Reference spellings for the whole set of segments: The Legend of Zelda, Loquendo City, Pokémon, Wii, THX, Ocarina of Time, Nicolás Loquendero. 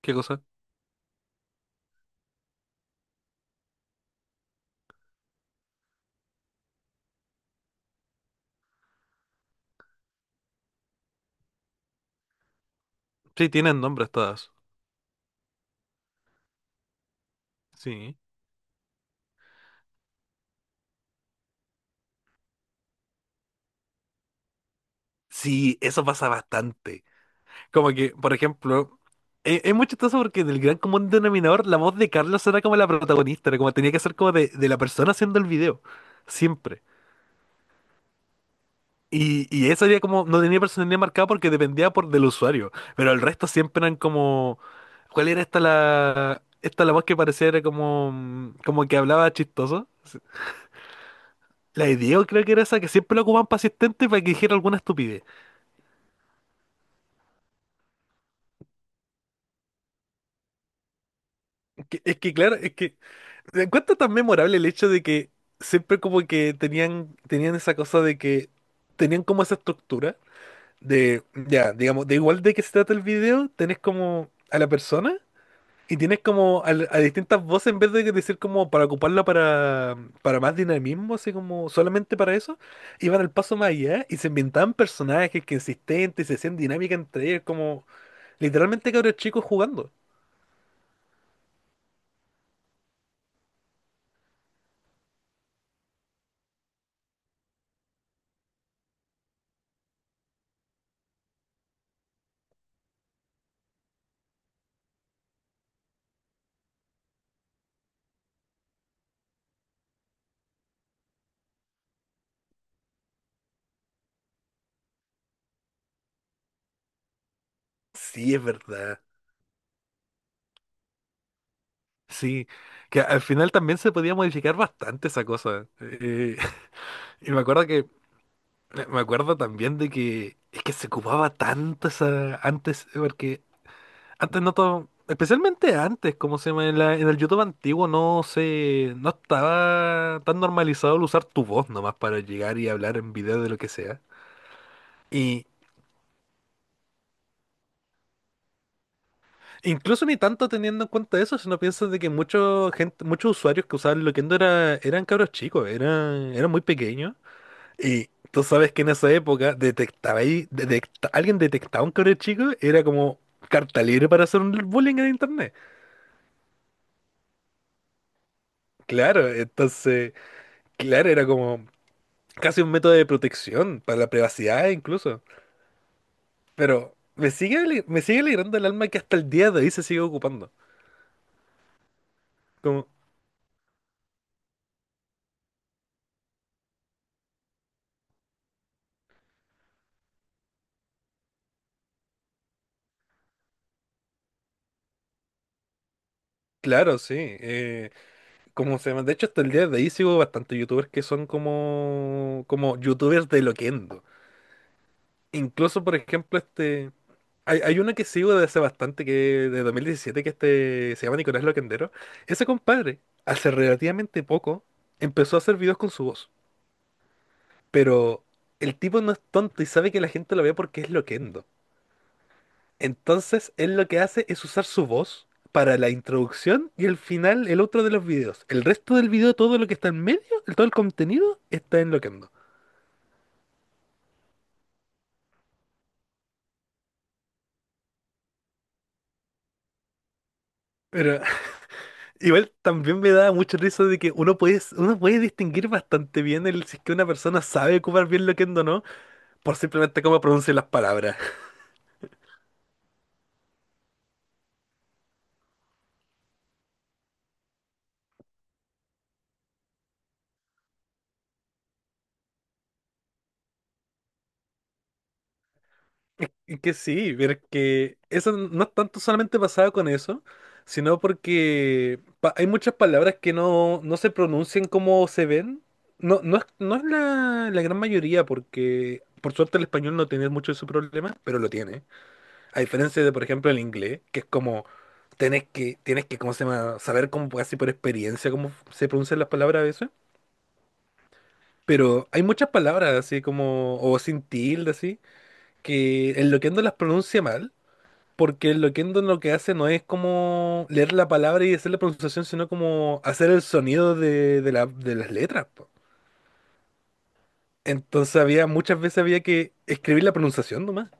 ¿Qué cosa? Sí, tienen nombres todas. Sí. Sí, eso pasa bastante. Como que, por ejemplo, es muy chistoso porque en el gran común denominador la voz de Carlos era como la protagonista, era como tenía que ser como de la persona haciendo el video. Siempre. Y eso era como, no tenía personalidad marcada porque dependía por del usuario. Pero el resto siempre eran como. ¿Cuál era esta la. Esta la voz que parecía era como. Como que hablaba chistoso? La de Diego creo que era esa que siempre lo ocupaban para asistente para que dijera alguna estupidez. Es que claro, es que me encuentro tan memorable el hecho de que siempre como que tenían esa cosa de que tenían como esa estructura de, ya, digamos, de igual de que se trata el video, tenés como a la persona y tienes como a distintas voces en vez de decir como para ocuparla para más dinamismo, así como solamente para eso, iban al paso más allá y se inventaban personajes que existentes y se hacían dinámica entre ellos, como literalmente cabros chicos jugando. Sí, es verdad. Sí, que al final también se podía modificar bastante esa cosa. Y me acuerdo que, me acuerdo también de que es que se ocupaba tanto esa, antes, porque antes no todo, especialmente antes, como se llama, en en el YouTube antiguo no se, no estaba tan normalizado el usar tu voz nomás para llegar y hablar en video de lo que sea. Y incluso ni tanto teniendo en cuenta eso, si no piensas de que mucho gente, muchos usuarios que usaban Loquendo era, eran cabros chicos, eran muy pequeños. Y tú sabes que en esa época detectaba ahí, alguien detectaba un cabrón chico, era como carta libre para hacer un bullying en internet. Claro, entonces, claro, era como casi un método de protección para la privacidad incluso. Pero me sigue, me sigue alegrando el alma que hasta el día de hoy se sigue ocupando. Como, claro, sí. eh, como se llama, de hecho hasta el día de hoy sigo bastante youtubers que son como, como youtubers de Loquendo. Incluso, por ejemplo, este. Hay una que sigo desde hace bastante, que de 2017, que este se llama Nicolás Loquendero. Ese compadre, hace relativamente poco, empezó a hacer videos con su voz. Pero el tipo no es tonto y sabe que la gente lo ve porque es loquendo. Entonces, él lo que hace es usar su voz para la introducción y el final, el otro de los videos. El resto del video, todo lo que está en medio, todo el contenido, está en loquendo. Pero igual también me da mucha risa de que uno puede distinguir bastante bien el, si es que una persona sabe ocupar bien lo que o no, por simplemente cómo pronuncia las palabras. y que sí, pero es que eso no es tanto solamente pasado con eso, sino porque hay muchas palabras que no se pronuncian como se ven. No, no es la, la gran mayoría, porque por suerte el español no tiene mucho de su problema, pero lo tiene. A diferencia de, por ejemplo, el inglés, que es como tienes que, ¿cómo se llama? Saber como casi por experiencia cómo se pronuncian las palabras a veces. Pero hay muchas palabras así como, o sin tilde así, que el loquendo las pronuncia mal, porque el loquendo lo que hace no es como leer la palabra y hacer la pronunciación, sino como hacer el sonido de de las letras. Po. Entonces había, muchas veces había que escribir la pronunciación nomás.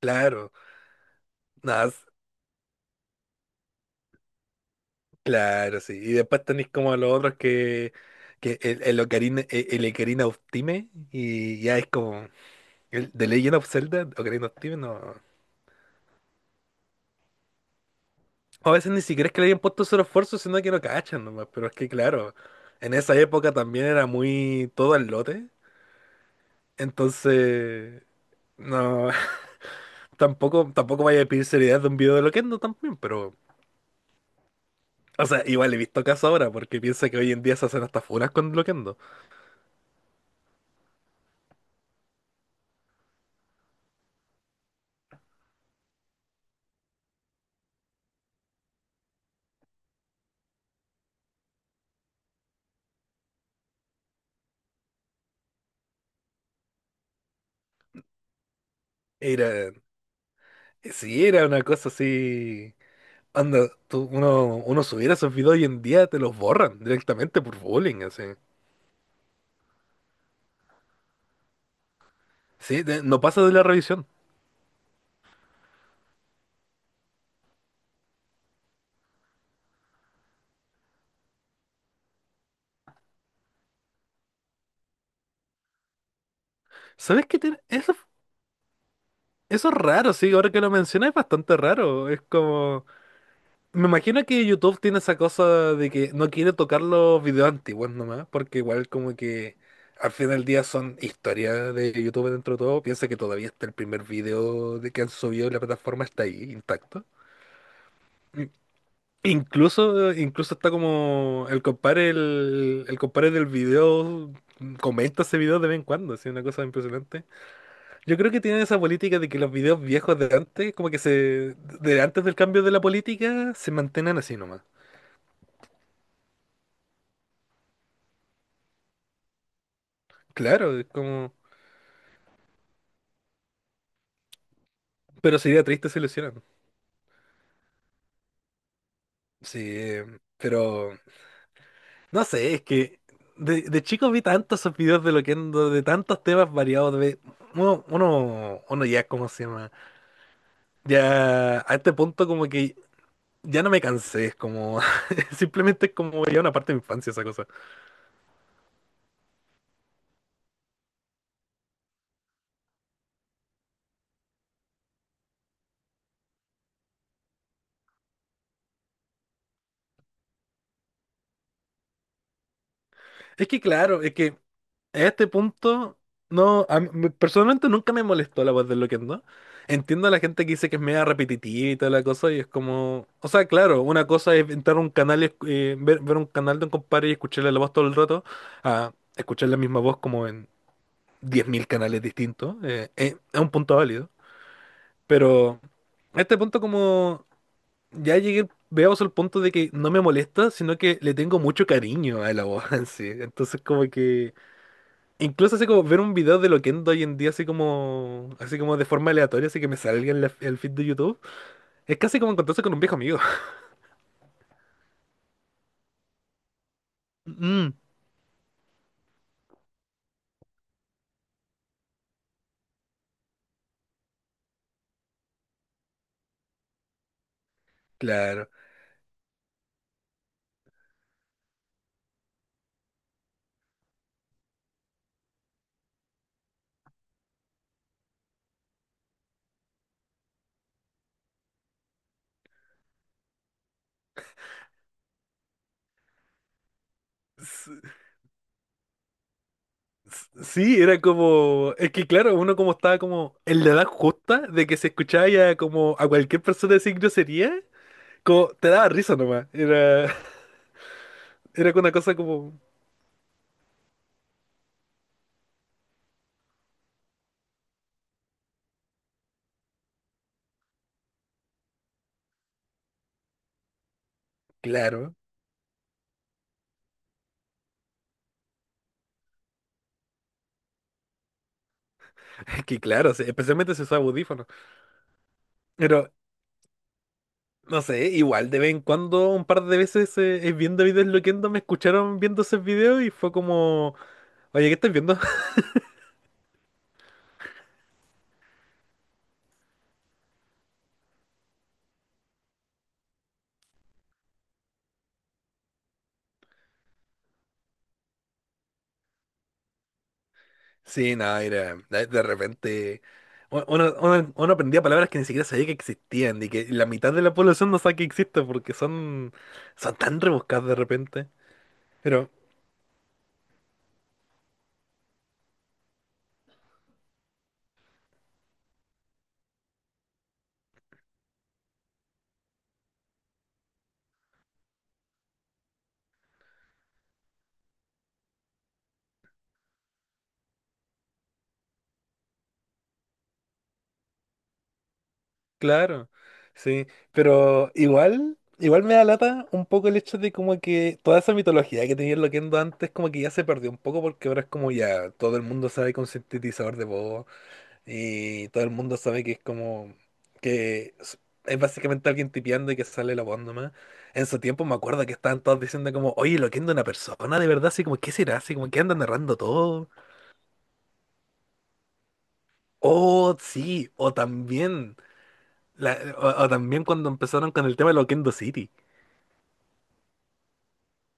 Claro, nada, claro, sí. Y después tenéis como los otros que el Ocarina of Time y ya es como el The Legend of Zelda, Ocarina of Time, no. A veces ni siquiera es que le hayan puesto su esfuerzo, sino que no cachan nomás. Pero es que claro, en esa época también era muy todo al lote. Entonces, no, tampoco vaya a pedir seriedad de un video de Loquendo también, pero. O sea, igual he visto casos ahora, porque piensa que hoy en día se hacen hasta funas con Loquendo. Era Sí, era una cosa así. Anda, uno subiera esos videos hoy en día, te los borran directamente por bullying, así. Sí, no pasa de la revisión. ¿Sabes qué tiene? Eso es raro, sí, ahora que lo mencionas es bastante raro. Es como. Me imagino que YouTube tiene esa cosa de que no quiere tocar los videos antiguos nomás, porque igual como que al final del día son historias de YouTube dentro de todo. Piensa que todavía está el primer video de que han subido y la plataforma está ahí intacto. Incluso está como el compadre, el compadre del video comenta ese video de vez en cuando, así una cosa impresionante. Yo creo que tienen esa política de que los videos viejos de antes, como que se, de antes del cambio de la política, se mantengan así nomás. Claro, es como, pero sería triste si lo hicieran. Sí, pero no sé, es que de chico vi tantos esos videos de lo que de tantos temas variados, de uno ya, ¿cómo se llama? Ya a este punto como que ya no me cansé, es como. Simplemente es como ya una parte de mi infancia esa cosa. Es que claro, es que a este punto, no. Personalmente nunca me molestó la voz de Loquendo. Entiendo a la gente que dice que es media repetitiva y toda la cosa, y es como. O sea, claro, una cosa es entrar a un canal y ver un canal de un compadre y escucharle la voz todo el rato, a escuchar la misma voz como en 10.000 canales distintos. Es un punto válido. Pero. A este punto como ya llegué, veamos al punto de que no me molesta, sino que le tengo mucho cariño a la voz en sí. Entonces como que incluso así como ver un video de Loquendo hoy en día así como de forma aleatoria, así que me salga en el feed de YouTube, es casi como encontrarse con un viejo amigo. Mm, claro. S- Sí, era como, es que claro, uno como estaba como en la edad justa de que se escuchaba ya como a cualquier persona decir grosería, como te daba risa nomás, era, era una cosa como, claro. Que claro, sí, especialmente si usa audífonos. Pero, no sé, igual de vez en cuando, un par de veces viendo videos loquendo, me escucharon viendo esos videos y fue como, oye, ¿qué estás viendo? Sí, no, era, de repente uno aprendía palabras que ni siquiera sabía que existían y que la mitad de la población no sabe que existen porque son, son tan rebuscadas de repente. Pero claro, sí, pero igual me da lata un poco el hecho de como que toda esa mitología que tenía el Loquendo antes como que ya se perdió un poco porque ahora es como ya todo el mundo sabe que un sintetizador de voz y todo el mundo sabe que es como que es básicamente alguien tipeando y que sale la voz nomás. En su tiempo me acuerdo que estaban todos diciendo como, oye, Loquendo es una persona de verdad, así como, ¿qué será? Así como que andan narrando todo. Oh, sí, o también, o también cuando empezaron con el tema de Loquendo City.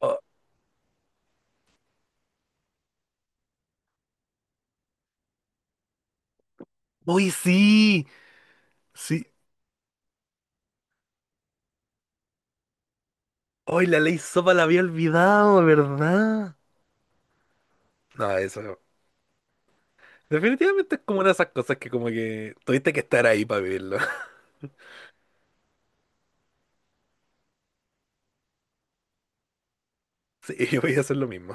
Oh, ¡uy, sí! Sí. ¡Uy, la ley sopa la había olvidado, ¿verdad? No, eso. No. Definitivamente es como una de esas cosas que como que tuviste que estar ahí para vivirlo. Sí, yo voy a hacer lo mismo.